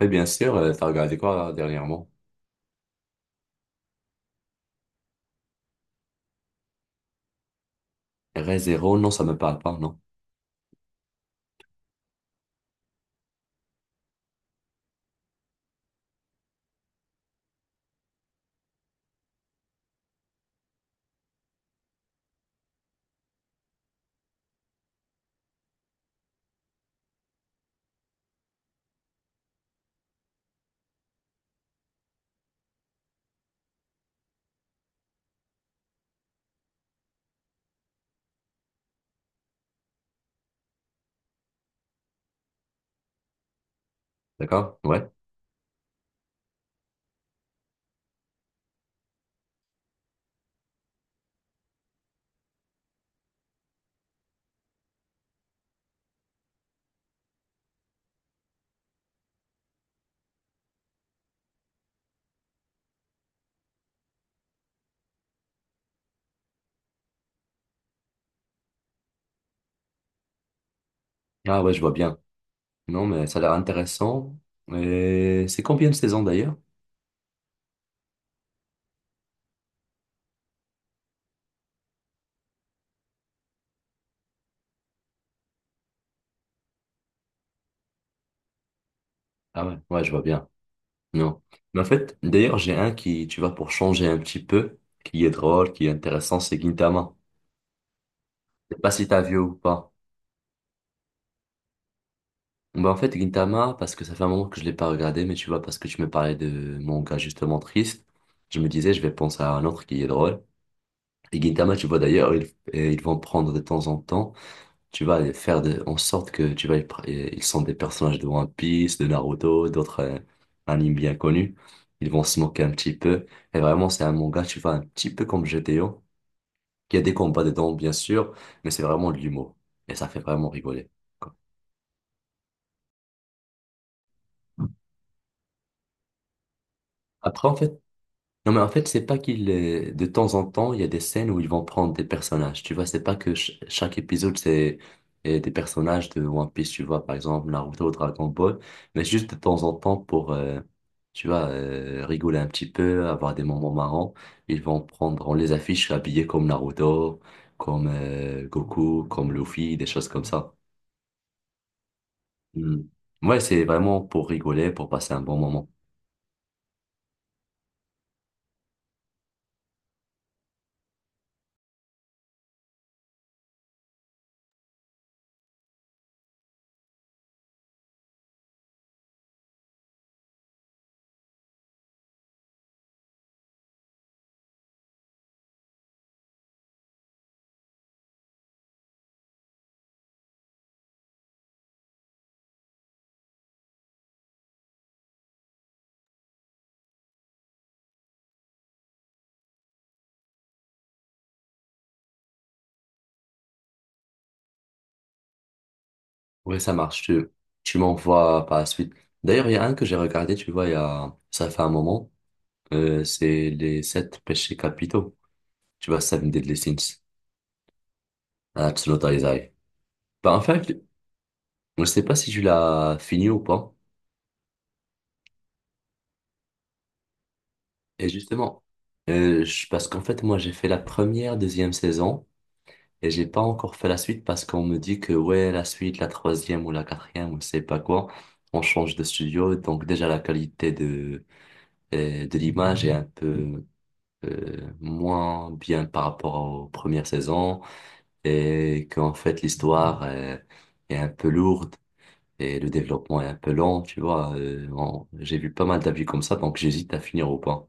Oui, bien sûr, t'as regardé quoi là, dernièrement? RE0, non, ça me parle pas, non. D'accord? Ouais. Ah ouais, je vois bien. Non, mais ça a l'air intéressant. Et c'est combien de saisons d'ailleurs? Ah ouais, ouais, je vois bien. Non. Mais en fait, d'ailleurs, j'ai un qui, tu vois, pour changer un petit peu, qui est drôle, qui est intéressant, c'est Gintama. Je sais pas si t'as vu ou pas. Bah en fait, Gintama, parce que ça fait un moment que je l'ai pas regardé, mais tu vois, parce que tu me parlais de mon gars justement triste, je me disais, je vais penser à un autre qui est drôle. Et Gintama, tu vois d'ailleurs, ils, et ils vont prendre de temps en temps, tu vas les faire de, en sorte que tu vas, et ils sont des personnages de One Piece, de Naruto, d'autres animes bien connus. Ils vont se moquer un petit peu. Et vraiment, c'est un manga, tu vois, un petit peu comme G T O. Il y a des combats dedans, bien sûr, mais c'est vraiment de l'humour. Et ça fait vraiment rigoler. Après, en fait, non, mais en fait, c'est pas qu'il est... De temps en temps, il y a des scènes où ils vont prendre des personnages. Tu vois, c'est pas que chaque épisode, c'est des personnages de One Piece, tu vois, par exemple, Naruto, Dragon Ball, mais juste de temps en temps pour, tu vois, rigoler un petit peu, avoir des moments marrants. Ils vont prendre, on les affiche habillés comme Naruto, comme Goku, comme Luffy, des choses comme ça. Mm. Ouais, c'est vraiment pour rigoler, pour passer un bon moment. Oui, ça marche. Tu m'envoies par la suite. D'ailleurs, il y a un que j'ai regardé, tu vois, il y a, ça fait un moment. C'est les sept péchés capitaux. Tu vois, Seven Deadly Sins. Absolutely Isaiah. Bah, en fait, je sais pas si tu l'as fini ou pas. Et justement, parce qu'en fait, moi, j'ai fait la première, deuxième saison et j'ai pas encore fait la suite parce qu'on me dit que, ouais, la suite, la troisième ou la quatrième ou je sais pas quoi, on change de studio. Donc, déjà, la qualité de l'image est un peu moins bien par rapport aux premières saisons et qu'en fait l'histoire est un peu lourde et le développement est un peu lent, tu vois. J'ai vu pas mal d'avis comme ça, donc j'hésite à finir ou pas.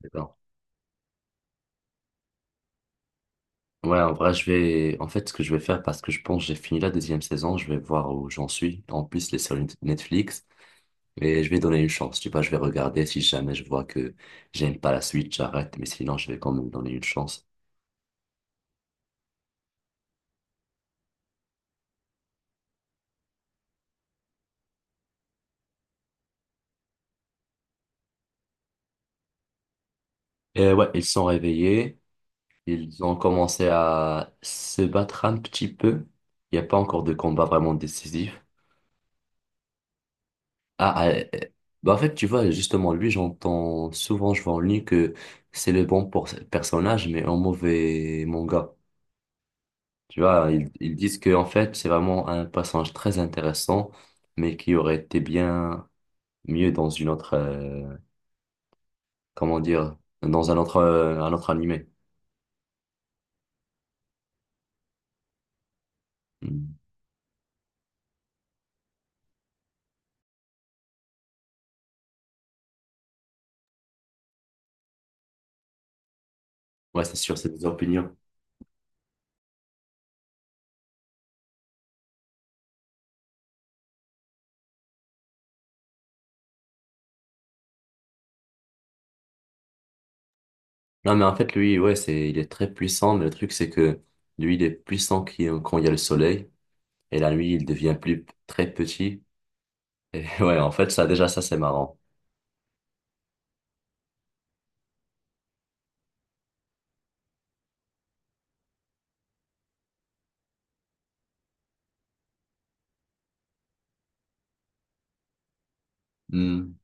D'accord. Ouais, en vrai, je vais. En fait, ce que je vais faire, parce que je pense que j'ai fini la deuxième saison, je vais voir où j'en suis. En plus, les séries Netflix, mais je vais donner une chance. Tu vois, je vais regarder. Si jamais je vois que j'aime pas la suite, j'arrête. Mais sinon, je vais quand même donner une chance. Et ouais, ils sont réveillés. Ils ont commencé à se battre un petit peu. Il n'y a pas encore de combat vraiment décisif. Ah, ah, bah en fait, tu vois, justement, lui, j'entends souvent, je vois en ligne que c'est le bon pour personnage, mais un mauvais manga. Tu vois, ils disent que en fait, c'est vraiment un personnage très intéressant, mais qui aurait été bien mieux dans une autre, comment dire, dans un autre animé. Mm. Ouais, c'est sûr, c'est des opinions. Non, mais en fait, lui, ouais, c'est, il est très puissant, mais le truc, c'est que lui, il est quand il y a le soleil, et la nuit, il devient plus, très petit. Et ouais, en fait, ça, déjà, ça, c'est marrant. Hmm,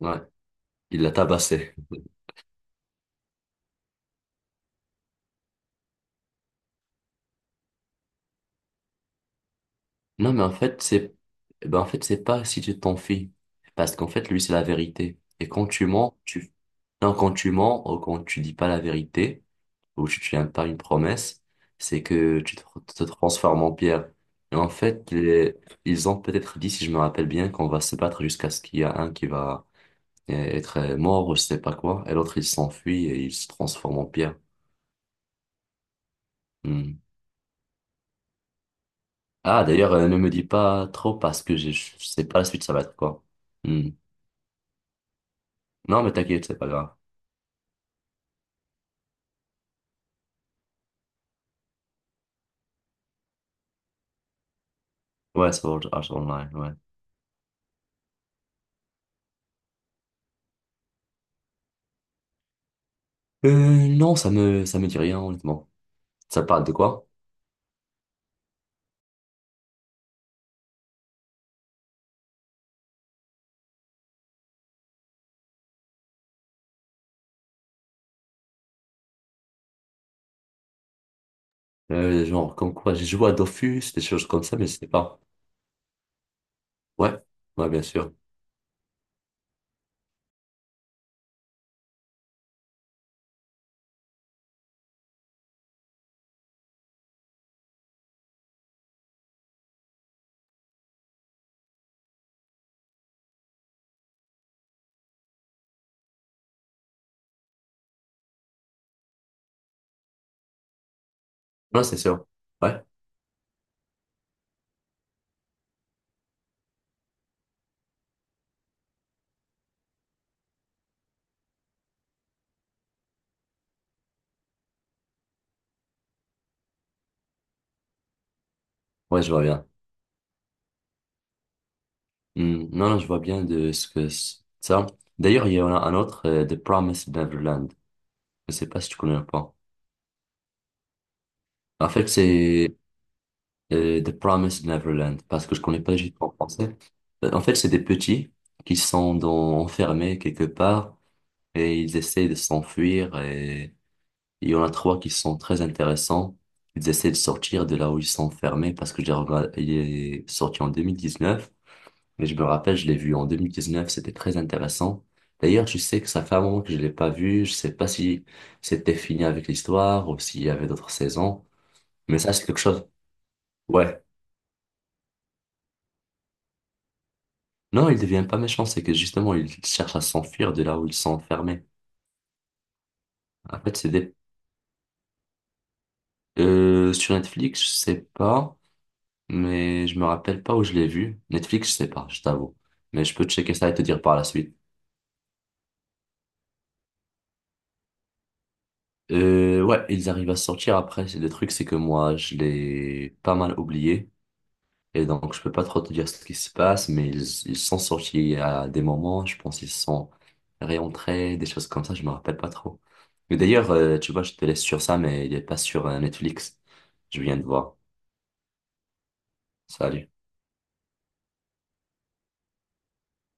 ouais, il l'a tabassé. Non, mais en fait, c'est, eh ben, en fait, c'est pas si tu t'en fies. Parce qu'en fait, lui, c'est la vérité. Et quand tu mens, tu, non, quand tu mens, ou quand tu dis pas la vérité, où tu tiens pas une promesse, c'est que tu te, te transformes en pierre. Et en fait, les- Ils ont peut-être dit, si je me rappelle bien, qu'on va se battre jusqu'à ce qu'il y a un qui va être mort ou je sais pas quoi, et l'autre il s'enfuit et il se transforme en pierre. Hmm. Ah, d'ailleurs, ne me dis pas trop parce que je sais pas la suite, ça va être quoi. Hmm. Non, mais t'inquiète, c'est pas grave. Ouais, Sword Art Online, ouais. Non, ça me dit rien, honnêtement. Ça parle de quoi? Genre, comme quoi, j'ai joué à Dofus, des choses comme ça, mais je sais pas. Ouais, ouais, bien sûr. Non, c'est sûr. Ouais, ouais, je vois bien. Hmm, non, non, je vois bien de ce que c'est ça. D'ailleurs, il y en a un autre, The Promised Neverland. Je sais pas si tu connais ou pas. En fait, c'est The Promised Neverland parce que je connais pas du tout en français. En fait, c'est des petits enfermés quelque part et ils essaient de s'enfuir et il y en a trois qui sont très intéressants. Ils essaient de sortir de là où ils sont enfermés parce que j'ai regardé, il est sorti en 2019. Mais je me rappelle, je l'ai vu en 2019, c'était très intéressant. D'ailleurs, je sais que ça fait un moment que je l'ai pas vu. Je sais pas si c'était fini avec l'histoire ou s'il y avait d'autres saisons. Mais ça, c'est quelque chose. Ouais. Non, il devient pas méchant, c'est que justement, il cherche à s'enfuir de là où ils sont enfermés. En fait, c'est des... sur Netflix, je sais pas, mais je me rappelle pas où je l'ai vu. Netflix, je sais pas, je t'avoue. Mais je peux checker ça et te dire par la suite. Ouais, ils arrivent à sortir après. C'est le truc, c'est que moi, je l'ai pas mal oublié. Et donc, je peux pas trop te dire ce qui se passe, mais ils sont sortis à des moments, je pense qu'ils sont réentrés, des choses comme ça, je me rappelle pas trop. Mais d'ailleurs, tu vois, je te laisse sur ça, mais il est pas sur Netflix. Je viens de voir. Salut.